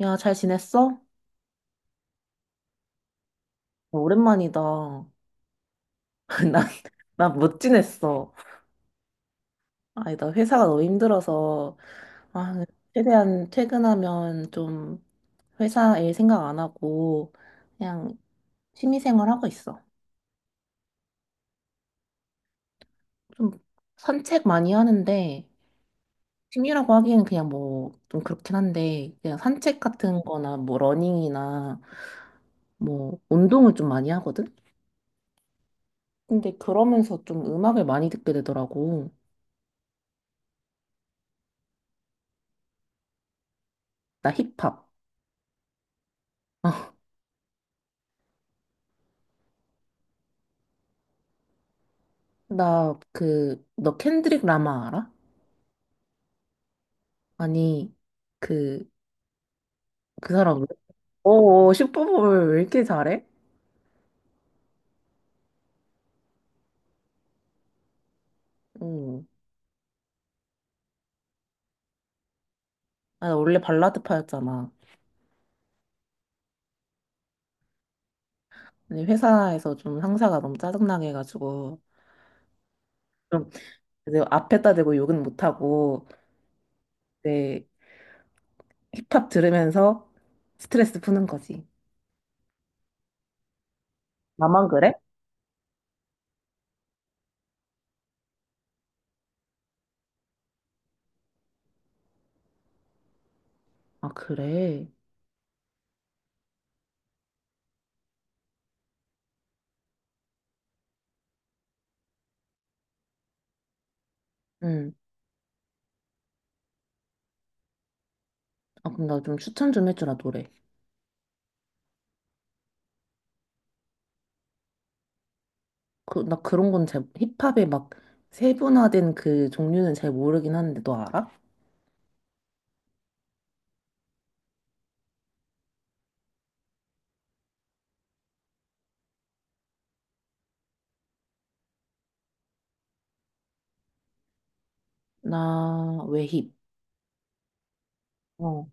야, 잘 지냈어? 오랜만이다. 난, 난 못 지냈어. 아니, 나 회사가 너무 힘들어서, 아, 최대한 퇴근하면 좀 회사 일 생각 안 하고, 그냥 취미생활 하고 있어. 좀 산책 많이 하는데, 취미라고 하기에는 그냥 뭐, 좀 그렇긴 한데, 그냥 산책 같은 거나 뭐, 러닝이나 뭐, 운동을 좀 많이 하거든? 근데 그러면서 좀 음악을 많이 듣게 되더라고. 나 힙합. 나, 그, 너 켄드릭 라마 알아? 아니, 그, 그 사람, 어, 어, 슈퍼볼 왜 이렇게 잘해? 응. 아, 나 원래 발라드파였잖아. 근데 회사에서 좀 상사가 너무 짜증나게 해가지고, 좀, 이제 앞에다 대고 욕은 못하고, 이제 힙합 들으면서 스트레스 푸는 거지. 나만 그래? 아, 그래. 응. 아, 그럼 나 좀 추천 좀 해주라, 노래. 그, 나 그런 건 잘, 힙합에 막 세분화된 그 종류는 잘 모르긴 하는데, 너 알아? 나 외힙. 어.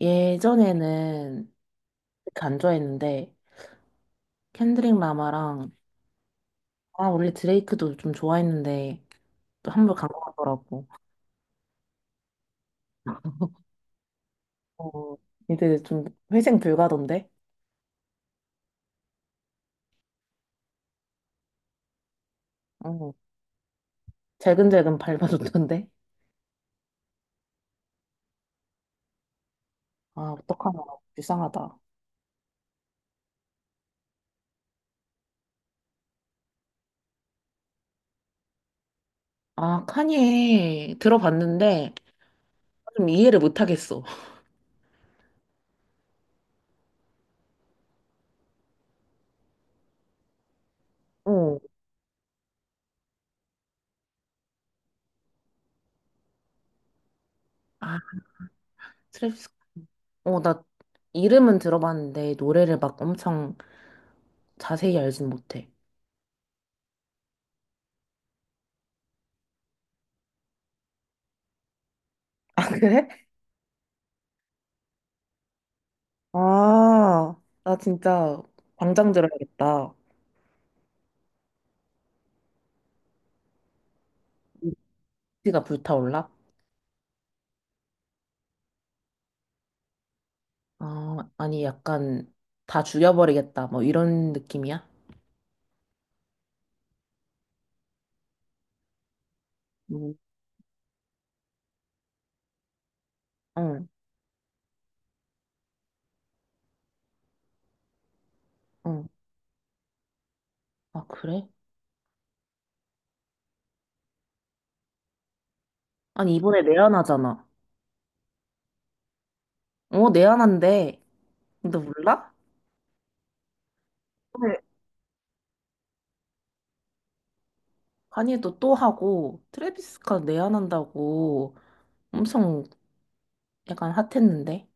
예전에는 그렇게 안 좋아했는데 켄드릭 라마랑 아 원래 드레이크도 좀 좋아했는데 또 한 번 간 것 같더라고. 어, 이제 좀 회생 불가던데? 어, 재근재근 밟아줬던데? 아 어떡하나 불쌍하다. 아 카니에 들어봤는데 좀 이해를 못하겠어. 어. 아 트래비스 어 나 이름은 들어봤는데 노래를 막 엄청 자세히 알진 못해. 아, 그래? 아, 나 진짜 당장 들어야겠다. 위치가 불타올라? 아, 아니 약간 다 죽여버리겠다. 뭐 이런 느낌이야? 응, 응. 응. 아, 그래? 아니 이번에 내한하잖아. 어, 내한한대. 너 몰라? 네. 카니도 또 하고 트래비스 스캇 내한한다고 엄청 약간 핫했는데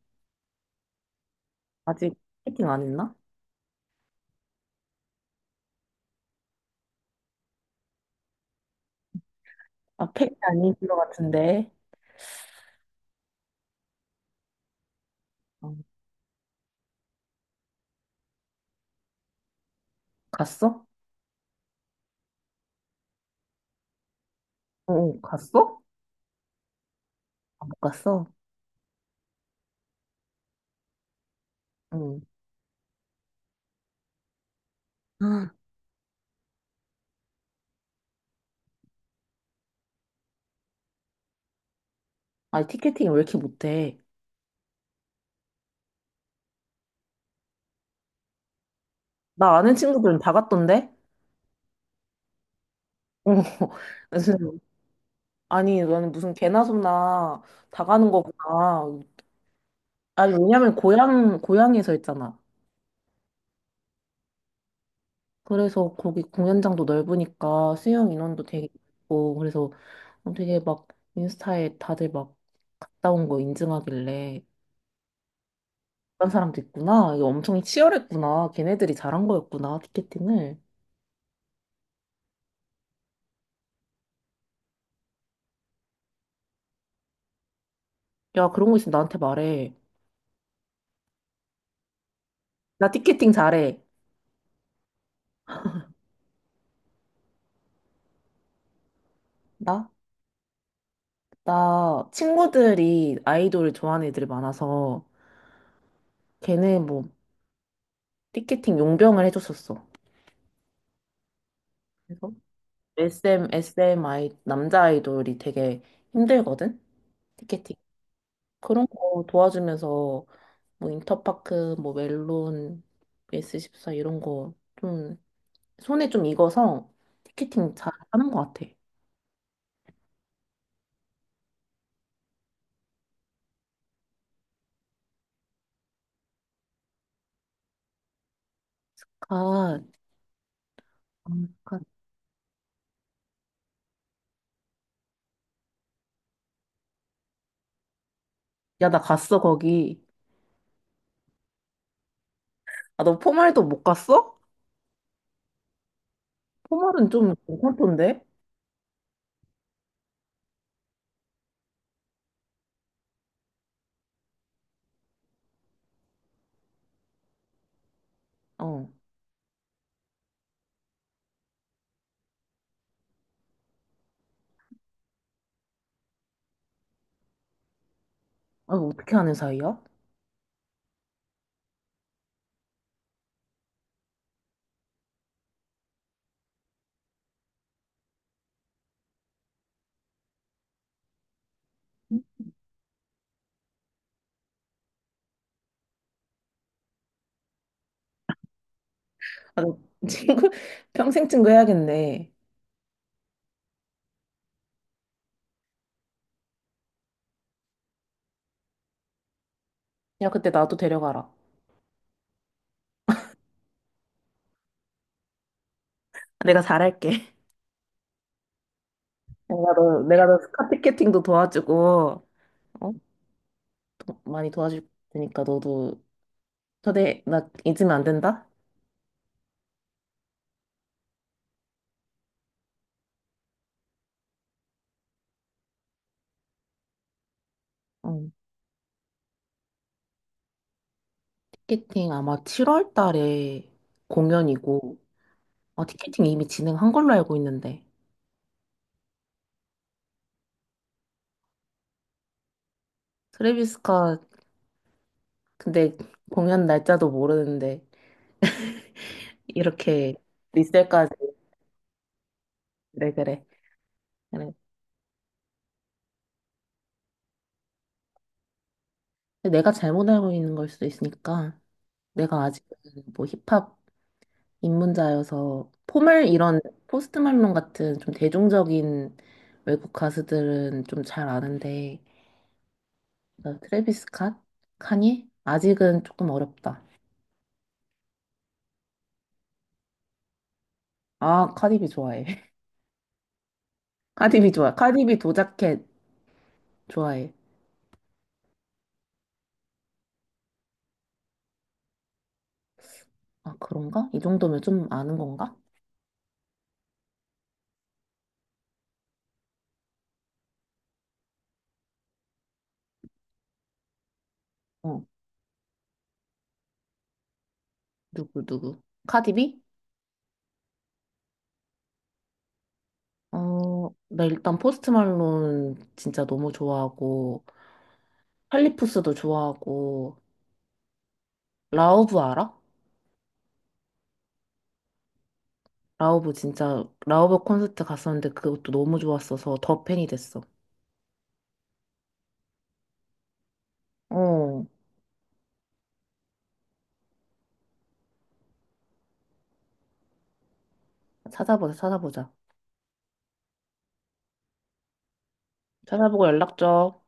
아직 패킹 안 했나? 아, 패킹 아닌 것 같은데. 어, 갔어? 어, 어, 갔어? 아, 못 갔어? 응. 아, 아니, 티켓팅 왜 이렇게 못해? 나 아는 친구들은 다 갔던데? 어, 그래서 아니, 너는 무슨 개나 소나 다 가는 거구나. 아니, 왜냐면 고향에서 했잖아. 그래서 거기 공연장도 넓으니까 수용 인원도 되게 있고, 그래서 되게 막 인스타에 다들 막 갔다 온 거 인증하길래 그런 사람도 있구나. 이거 엄청 치열했구나. 걔네들이 잘한 거였구나, 티켓팅을. 야, 그런 거 있으면 나한테 말해. 나 티켓팅 잘해. 나? 나 친구들이 아이돌을 좋아하는 애들이 많아서 걔네 뭐 티켓팅 용병을 해줬었어. 그래서 SM 아이, 남자 아이돌이 되게 힘들거든? 티켓팅. 그런 거 도와주면서 뭐 인터파크, 뭐 멜론, S14 이런 거 좀 손에 좀 익어서 티켓팅 잘 하는 것 같아. 가, 가. 야, 나 갔어, 거기. 아, 너 포말도 못 갔어? 포말은 좀 괜찮던데? 어. 아, 뭐 어떻게 아는 사이야? 아, 너 친구 평생 친구 해야겠네. 야, 그때 나도 데려가라. 내가 잘할게. 내가 너 스카피캐팅도 도와주고 어? 많이 도와줄 테니까 너도 초대 나 잊으면 안 된다. 응. 티켓팅 아마 7월 달에 공연이고 아, 티켓팅 이미 진행한 걸로 알고 있는데 트래비스가 근데 공연 날짜도 모르는데 이렇게 리셀까지 그래 그래. 그래. 근데 내가 잘못 알고 있는 걸 수도 있으니까 내가 아직 뭐 힙합 입문자여서 포멀 이런 포스트 말론 같은 좀 대중적인 외국 가수들은 좀 잘 아는데 나 트래비스 캇? 카니? 아직은 조금 어렵다. 아, 카디비 좋아해. 카디비 좋아. 카디비 도자켓 좋아해. 아, 그런가? 이 정도면 좀 아는 건가? 어, 누구 누구? 카디비? 어, 나 일단 포스트 말론 진짜 너무 좋아하고 칼리푸스도 좋아하고 라우브 알아? 라우브 진짜 라우브 콘서트 갔었는데 그것도 너무 좋았어서 더 팬이 됐어. 어, 찾아보자, 찾아보자. 찾아보고 연락 줘.